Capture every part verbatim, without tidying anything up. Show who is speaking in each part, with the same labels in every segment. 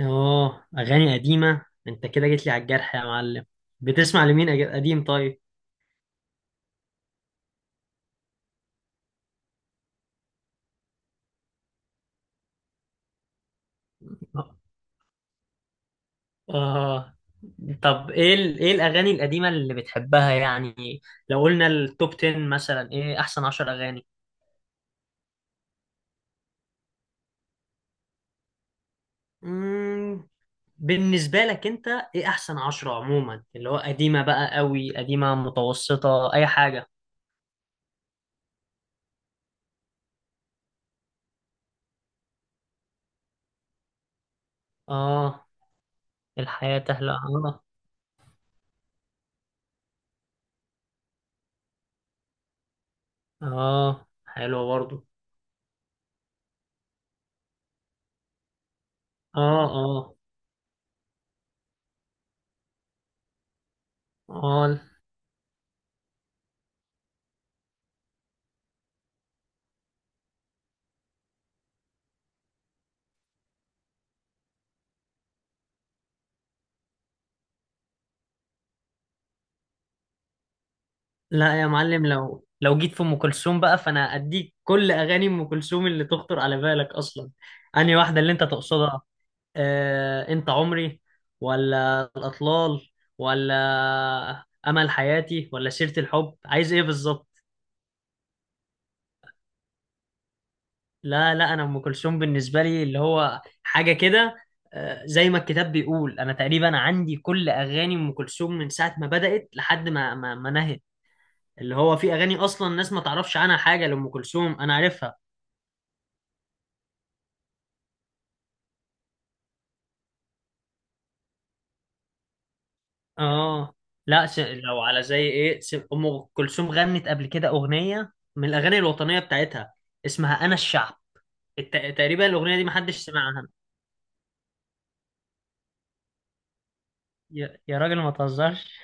Speaker 1: اه، اغاني قديمه انت كده جيت لي على الجرح يا معلم. بتسمع لمين أج- قديم؟ طيب. اه، طب، ايه ال... ايه الاغاني القديمه اللي بتحبها يعني؟ لو قلنا التوب عشرة مثلا، ايه احسن عشر اغاني؟ مم. بالنسبه لك انت، ايه احسن عشرة عموما؟ اللي هو قديمه بقى قوي، قديمه متوسطه، اي حاجه. اه، الحياه تهلا، اه. اه، حلوه برضو. اه، اه. اه، لا يا معلم، لو لو جيت في ام كلثوم بقى فانا اديك كل اغاني ام كلثوم اللي تخطر على بالك اصلا. انهي واحده اللي انت تقصدها؟ آه، انت عمري؟ ولا الاطلال؟ ولا امل حياتي ولا سيره الحب؟ عايز ايه بالظبط؟ لا لا، انا ام كلثوم بالنسبه لي اللي هو حاجه كده. آه، زي ما الكتاب بيقول انا تقريبا عندي كل اغاني ام كلثوم من ساعه ما بدات لحد ما ما, ما نهت. اللي هو في اغاني اصلا الناس ما تعرفش عنها حاجه لام كلثوم، انا عارفها. اه، لا. س... لو على زي ايه، س... ام كلثوم غنت قبل كده اغنيه من الاغاني الوطنيه بتاعتها. اسمها انا الشعب. الت... تقريبا الاغنيه دي محدش سمعها. يا, يا راجل ما تهزرش.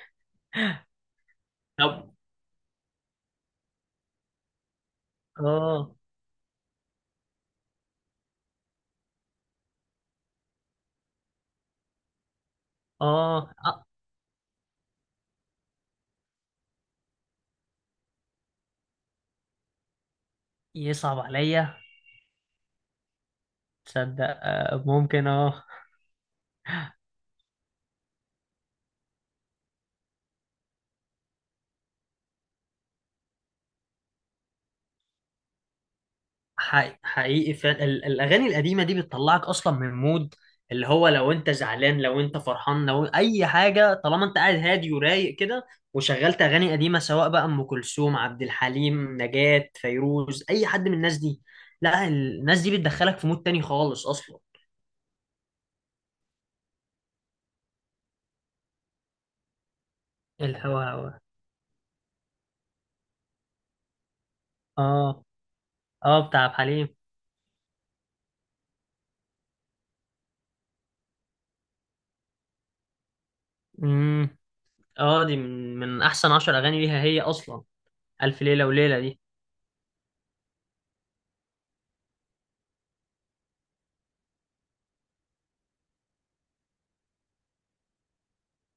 Speaker 1: طب، اه، اه، آه، يصعب عليا. تصدق؟ آه ممكن، اه. حقيقي حقيقي، فعلا ال- الاغاني القديمه دي بتطلعك اصلا من مود. اللي هو لو انت زعلان، لو انت فرحان، لو اي حاجه، طالما انت قاعد هادي ورايق كده، وشغلت اغاني قديمه سواء بقى ام كلثوم، عبد الحليم، نجاة، فيروز، اي حد من الناس دي، لا، الناس دي بتدخلك في مود تاني خالص اصلا. الهوا هوا. اه. اه، بتاع عبد الحليم. امم. اه، دي من من احسن عشر اغاني ليها هي اصلا، الف ليله وليله دي.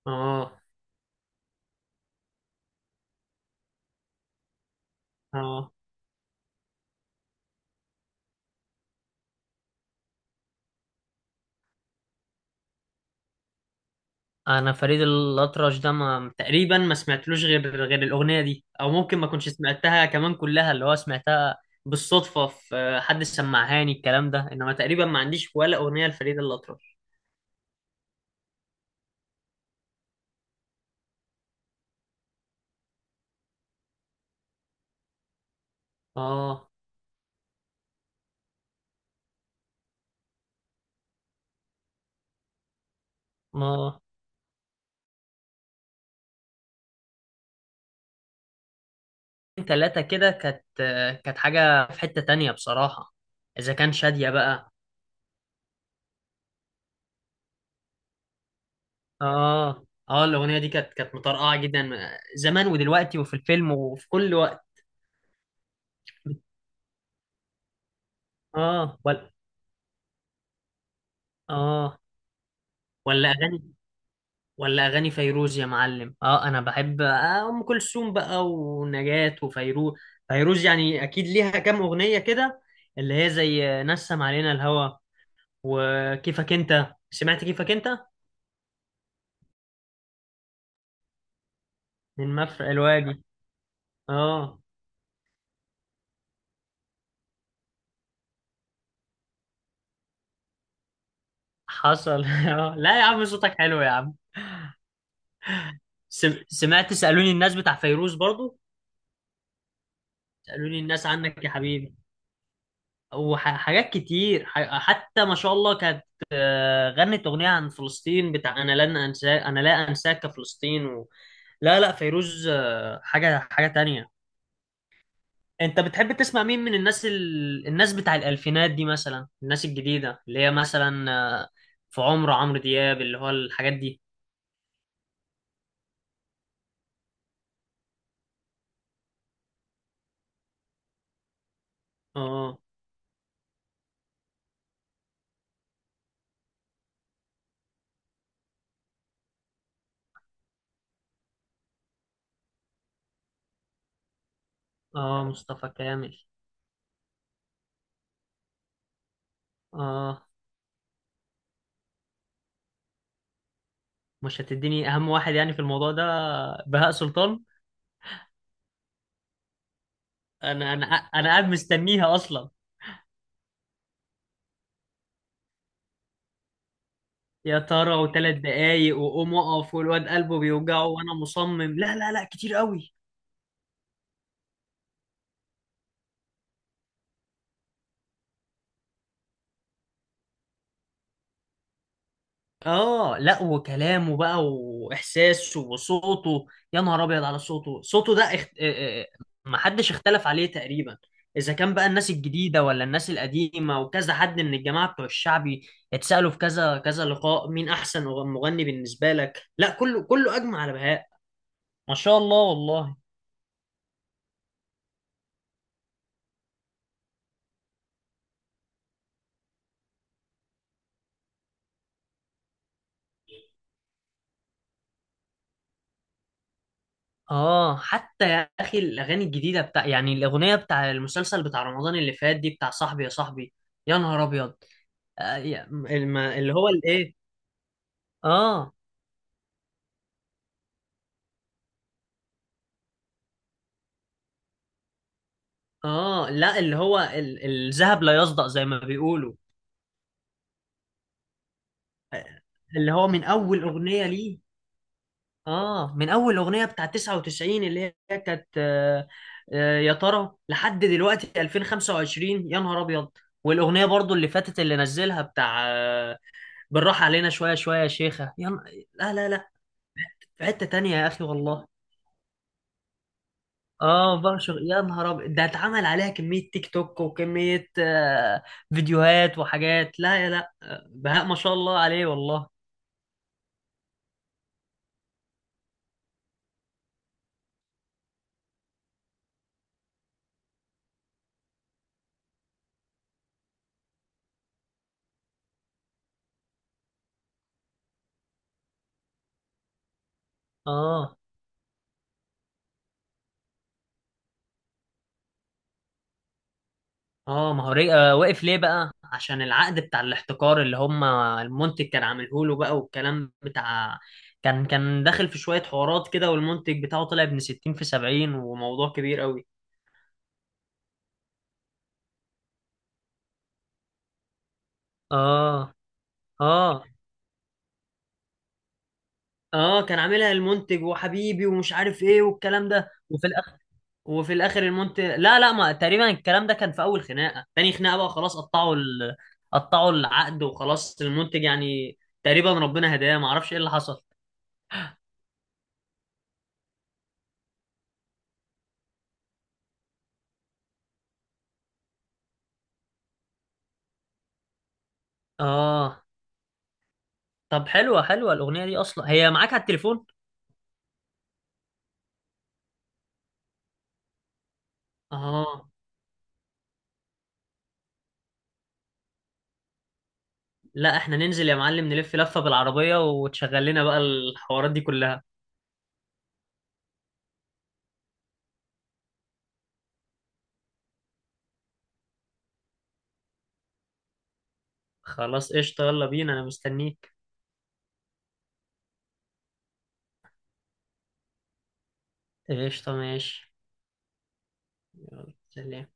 Speaker 1: اه، اه. انا فريد الاطرش ده ما تقريبا ما سمعتلوش غير غير الاغنيه دي، او ممكن ما كنتش سمعتها كمان كلها، اللي هو سمعتها بالصدفه، في حد سمعهاني الكلام ده. انما تقريبا ما عنديش ولا اغنيه لفريد الاطرش. اه، ما ثلاثه كده كانت كانت حاجه في حته تانية بصراحه. اذا كان شاديه بقى، اه، اه، الاغنيه دي كانت كانت مطرقعه جدا، زمان ودلوقتي وفي الفيلم وفي كل وقت. اه، ولا. اه، ولا اغاني. ولا اغاني فيروز يا معلم. اه انا بحب آه، ام كلثوم بقى ونجاة وفيروز. فيروز يعني اكيد ليها كام اغنيه كده، اللي هي زي نسم علينا الهوى، وكيفك انت، سمعت كيفك انت؟ من مفرق الوادي. اه، حصل. آه، لا يا عم، صوتك حلو يا عم. سم- سمعت سالوني الناس بتاع فيروز برضو؟ سالوني الناس عنك يا حبيبي. وحاجات كتير، ح- حتى ما شاء الله، كانت آه، غنت أغنية عن فلسطين، بتاع أنا لن أنساك، أنا لا أنساك يا فلسطين. و... لا لا، فيروز آه، حاجة حاجة تانية. أنت بتحب تسمع مين من الناس، ال... الناس بتاع الألفينات دي مثلا، الناس الجديدة اللي هي مثلا آه، في عمر عمرو دياب اللي هو الحاجات دي؟ اه، اه، مصطفى كامل. اه، مش هتديني أهم واحد يعني في الموضوع ده؟ بهاء سلطان. أنا أنا أنا قاعد مستنيها أصلا. يا ترى، وثلاث دقايق، وقوم اقف، والواد قلبه بيوجعه، وانا مصمم، لا لا لا، كتير قوي. اه، لا، وكلامه بقى واحساسه وصوته. يا نهار ابيض على صوته، صوته ده. اخت... آه، آه، محدش اختلف عليه تقريبا. اذا كان بقى الناس الجديده ولا الناس القديمه، وكذا حد من الجماعه بتوع الشعبي، اتسالوا في كذا كذا لقاء، مين احسن مغني بالنسبه لك؟ لا كله كله اجمع على بهاء. ما شاء الله والله. اه، حتى يا اخي الاغاني الجديده بتاع، يعني الاغنيه بتاع المسلسل بتاع رمضان اللي فات دي، بتاع صاحبي يا صاحبي. يا نهار ابيض. آه يا- الم- اللي هو الايه؟ اه، اه، لا، اللي هو ال- الذهب لا يصدأ زي ما بيقولوا. اللي هو من اول اغنيه ليه، اه، من اول اغنيه بتاع تسعة وتسعين اللي هي كانت، آه آه يا ترى لحد دلوقتي ألفين وخمسة وعشرين، يا نهار ابيض. والاغنيه برضو اللي فاتت اللي نزلها بتاع، آه بالراحه علينا شويه شويه يا شيخه، يا ن- لا لا لا. في حتة تانية يا أخي والله. اه، بشر، يا نهار أبيض ده اتعمل عليها كمية تيك توك وكمية آه فيديوهات وحاجات. لا يا لا، آه، بهاء ما شاء الله عليه والله. اه، اه. ما هو ري- آه، وقف ليه بقى؟ عشان العقد بتاع الاحتكار اللي هم المنتج كان عامله له بقى والكلام بتاع، كان كان داخل في شوية حوارات كده، والمنتج بتاعه طلع ابن ستين في سبعين وموضوع كبير قوي. اه، اه، اه، كان عاملها المنتج وحبيبي ومش عارف ايه والكلام ده وفي وفي الاخر المونت لا لا، ما تقريبا الكلام ده كان في اول خناقه، تاني خناقه بقى خلاص، قطعوا ال... قطعوا العقد وخلاص، المنتج يعني تقريبا ربنا هداه. ما اعرفش ايه اللي حصل. اه، طب، حلوه حلوه الاغنيه دي اصلا؟ هي معاك على التليفون؟ اه، لا احنا ننزل يا معلم، نلف لفه بالعربيه، وتشغل لنا بقى الحوارات دي كلها. خلاص، قشطه، يلا بينا، انا مستنيك. قشطه، ماشي. يلا سلام.